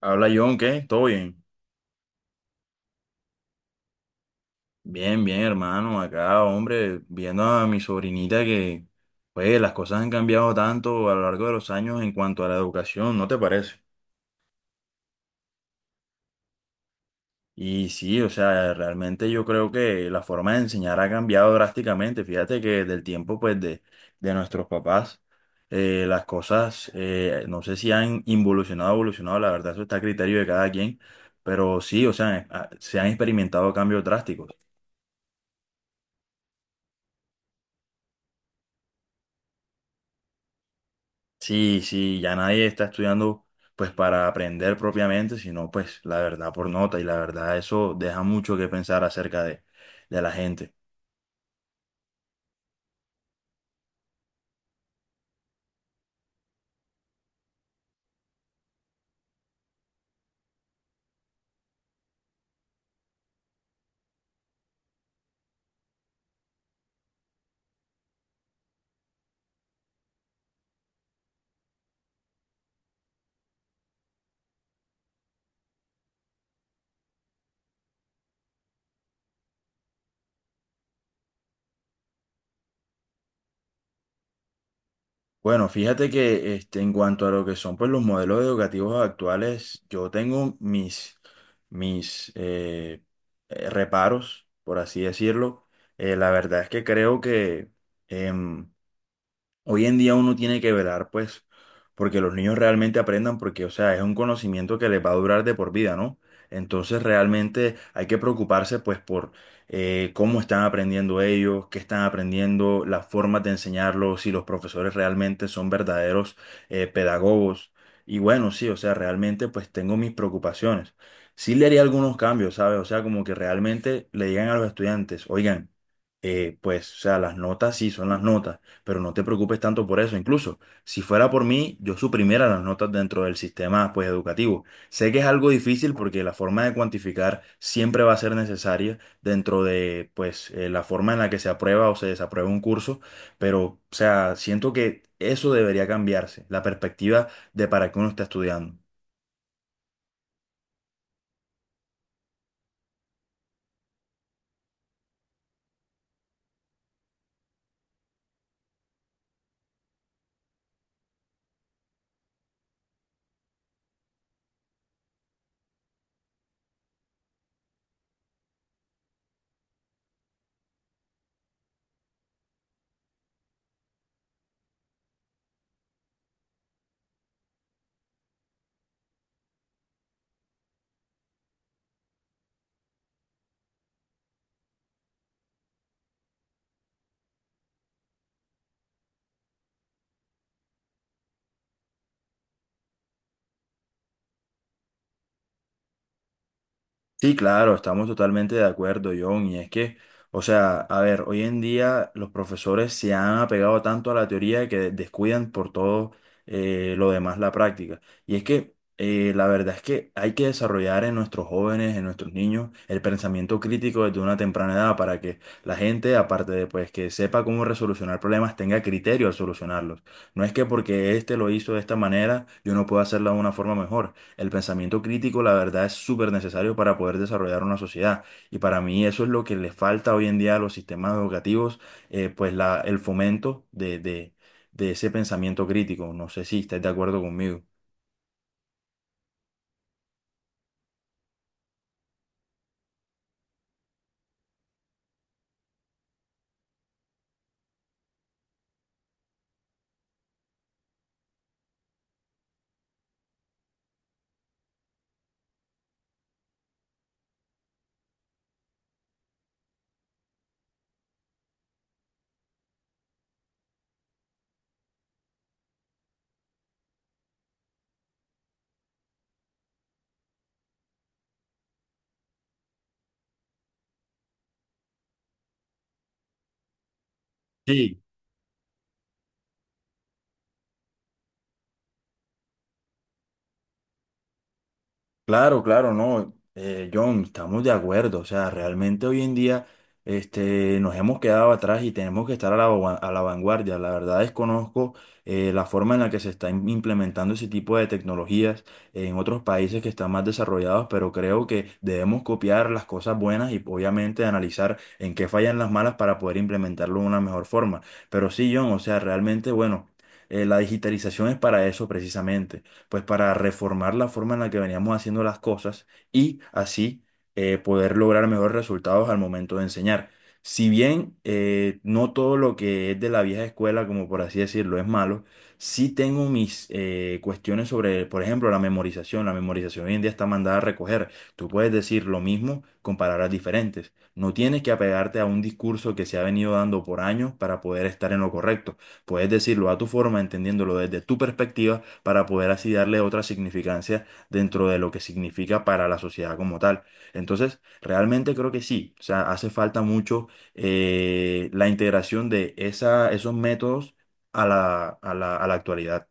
Habla John, ¿qué? ¿Todo bien? Bien, bien, hermano. Acá, hombre, viendo a mi sobrinita que, pues, las cosas han cambiado tanto a lo largo de los años en cuanto a la educación, ¿no te parece? Y sí, o sea, realmente yo creo que la forma de enseñar ha cambiado drásticamente. Fíjate que del tiempo, pues, de nuestros papás, las cosas, no sé si han involucionado evolucionado, la verdad, eso está a criterio de cada quien, pero sí, o sea, se han experimentado cambios drásticos. Sí, sí, ya nadie está estudiando pues para aprender propiamente, sino pues la verdad por nota y la verdad eso deja mucho que pensar acerca de la gente. Bueno, fíjate que este, en cuanto a lo que son pues los modelos educativos actuales, yo tengo mis reparos, por así decirlo. La verdad es que creo que... em, hoy en día uno tiene que velar, pues, porque los niños realmente aprendan, porque, o sea, es un conocimiento que les va a durar de por vida, ¿no? Entonces, realmente hay que preocuparse, pues, por cómo están aprendiendo ellos, qué están aprendiendo, las formas de enseñarlos, si los profesores realmente son verdaderos pedagogos. Y bueno, sí, o sea, realmente, pues, tengo mis preocupaciones. Sí le haría algunos cambios, ¿sabes? O sea, como que realmente le digan a los estudiantes, oigan, pues, o sea, las notas sí son las notas pero no te preocupes tanto por eso. Incluso, si fuera por mí, yo suprimiera las notas dentro del sistema, pues, educativo. Sé que es algo difícil porque la forma de cuantificar siempre va a ser necesaria dentro de, pues, la forma en la que se aprueba o se desaprueba un curso, pero, o sea, siento que eso debería cambiarse, la perspectiva de para qué uno está estudiando. Sí, claro, estamos totalmente de acuerdo, John. Y es que, o sea, a ver, hoy en día los profesores se han apegado tanto a la teoría que descuidan por todo lo demás la práctica. Y es que la verdad es que hay que desarrollar en nuestros jóvenes, en nuestros niños, el pensamiento crítico desde una temprana edad para que la gente, aparte de pues que sepa cómo resolucionar problemas, tenga criterio al solucionarlos. No es que porque este lo hizo de esta manera, yo no puedo hacerlo de una forma mejor. El pensamiento crítico, la verdad, es súper necesario para poder desarrollar una sociedad. Y para mí eso es lo que le falta hoy en día a los sistemas educativos, pues la, el fomento de ese pensamiento crítico. No sé si estás de acuerdo conmigo. Sí, claro, claro, no, John, estamos de acuerdo, o sea, realmente hoy en día este, nos hemos quedado atrás y tenemos que estar a la, a la vanguardia. La verdad desconozco la forma en la que se está implementando ese tipo de tecnologías en otros países que están más desarrollados, pero creo que debemos copiar las cosas buenas y obviamente analizar en qué fallan las malas para poder implementarlo de una mejor forma. Pero sí, John, o sea, realmente, bueno, la digitalización es para eso precisamente pues para reformar la forma en la que veníamos haciendo las cosas y así poder lograr mejores resultados al momento de enseñar. Si bien no todo lo que es de la vieja escuela, como por así decirlo, es malo, sí tengo mis cuestiones sobre, por ejemplo, la memorización. La memorización hoy en día está mandada a recoger. Tú puedes decir lo mismo con palabras diferentes. No tienes que apegarte a un discurso que se ha venido dando por años para poder estar en lo correcto. Puedes decirlo a tu forma, entendiéndolo desde tu perspectiva para poder así darle otra significancia dentro de lo que significa para la sociedad como tal. Entonces, realmente creo que sí, o sea, hace falta mucho la integración de esa, esos métodos a la actualidad.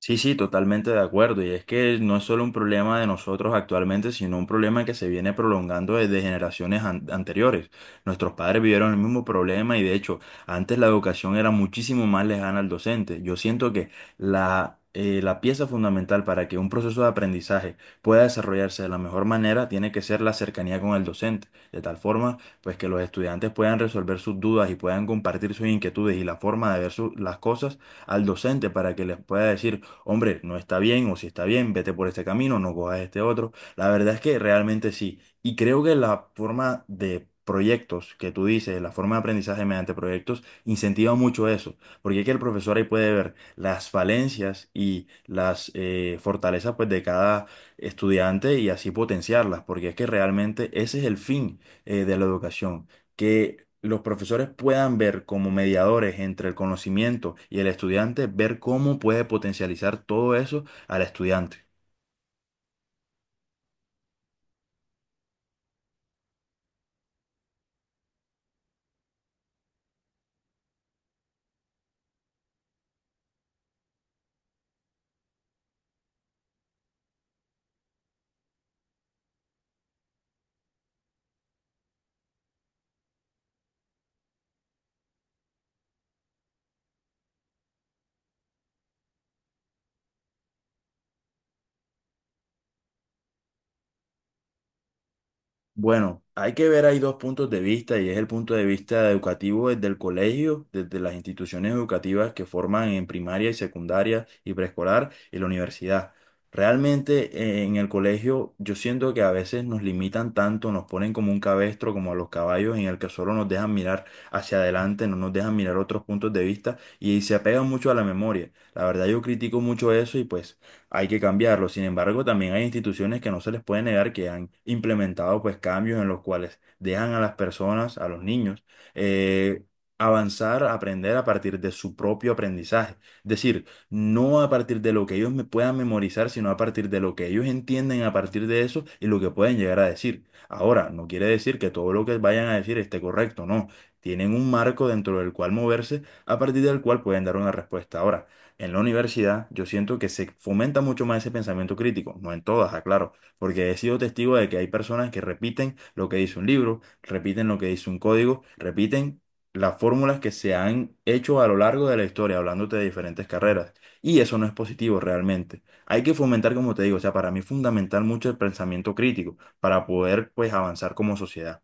Sí, sí, totalmente de acuerdo. Y es que no es solo un problema de nosotros actualmente, sino un problema que se viene prolongando desde generaciones anteriores. Nuestros padres vivieron el mismo problema y de hecho, antes la educación era muchísimo más lejana al docente. Yo siento que la, la pieza fundamental para que un proceso de aprendizaje pueda desarrollarse de la mejor manera tiene que ser la cercanía con el docente, de tal forma pues que los estudiantes puedan resolver sus dudas y puedan compartir sus inquietudes y la forma de ver las cosas al docente para que les pueda decir hombre, no está bien o si está bien, vete por este camino, no cojas este otro. La verdad es que realmente sí. Y creo que la forma de proyectos que tú dices, la forma de aprendizaje mediante proyectos, incentiva mucho eso, porque es que el profesor ahí puede ver las falencias y las fortalezas pues, de cada estudiante y así potenciarlas, porque es que realmente ese es el fin de la educación que los profesores puedan ver como mediadores entre el conocimiento y el estudiante, ver cómo puede potencializar todo eso al estudiante. Bueno, hay que ver hay dos puntos de vista y es el punto de vista educativo desde el colegio, desde las instituciones educativas que forman en primaria y secundaria y preescolar y la universidad. Realmente en el colegio yo siento que a veces nos limitan tanto, nos ponen como un cabestro, como a los caballos, en el que solo nos dejan mirar hacia adelante, no nos dejan mirar otros puntos de vista y se apegan mucho a la memoria. La verdad yo critico mucho eso y pues hay que cambiarlo. Sin embargo, también hay instituciones que no se les puede negar que han implementado pues cambios en los cuales dejan a las personas, a los niños, eh, avanzar, aprender a partir de su propio aprendizaje. Es decir, no a partir de lo que ellos me puedan memorizar, sino a partir de lo que ellos entienden a partir de eso y lo que pueden llegar a decir. Ahora, no quiere decir que todo lo que vayan a decir esté correcto, no. Tienen un marco dentro del cual moverse, a partir del cual pueden dar una respuesta. Ahora, en la universidad yo siento que se fomenta mucho más ese pensamiento crítico, no en todas, aclaro, porque he sido testigo de que hay personas que repiten lo que dice un libro, repiten lo que dice un código, repiten las fórmulas que se han hecho a lo largo de la historia, hablándote de diferentes carreras. Y eso no es positivo realmente. Hay que fomentar, como te digo, o sea, para mí es fundamental mucho el pensamiento crítico para poder, pues, avanzar como sociedad.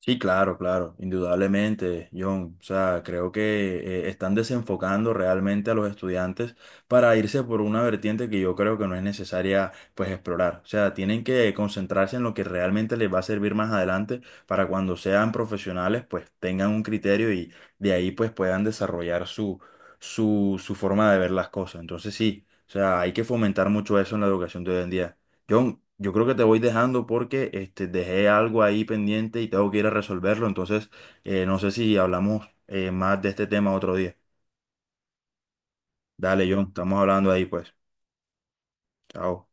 Sí, claro, claro, indudablemente, John. O sea, creo que están desenfocando realmente a los estudiantes para irse por una vertiente que yo creo que no es necesaria, pues, explorar. O sea, tienen que concentrarse en lo que realmente les va a servir más adelante para cuando sean profesionales, pues, tengan un criterio y de ahí, pues, puedan desarrollar su forma de ver las cosas. Entonces, sí, o sea, hay que fomentar mucho eso en la educación de hoy en día. John, yo creo que te voy dejando porque este, dejé algo ahí pendiente y tengo que ir a resolverlo. Entonces, no sé si hablamos más de este tema otro día. Dale, John, estamos hablando ahí, pues. Chao.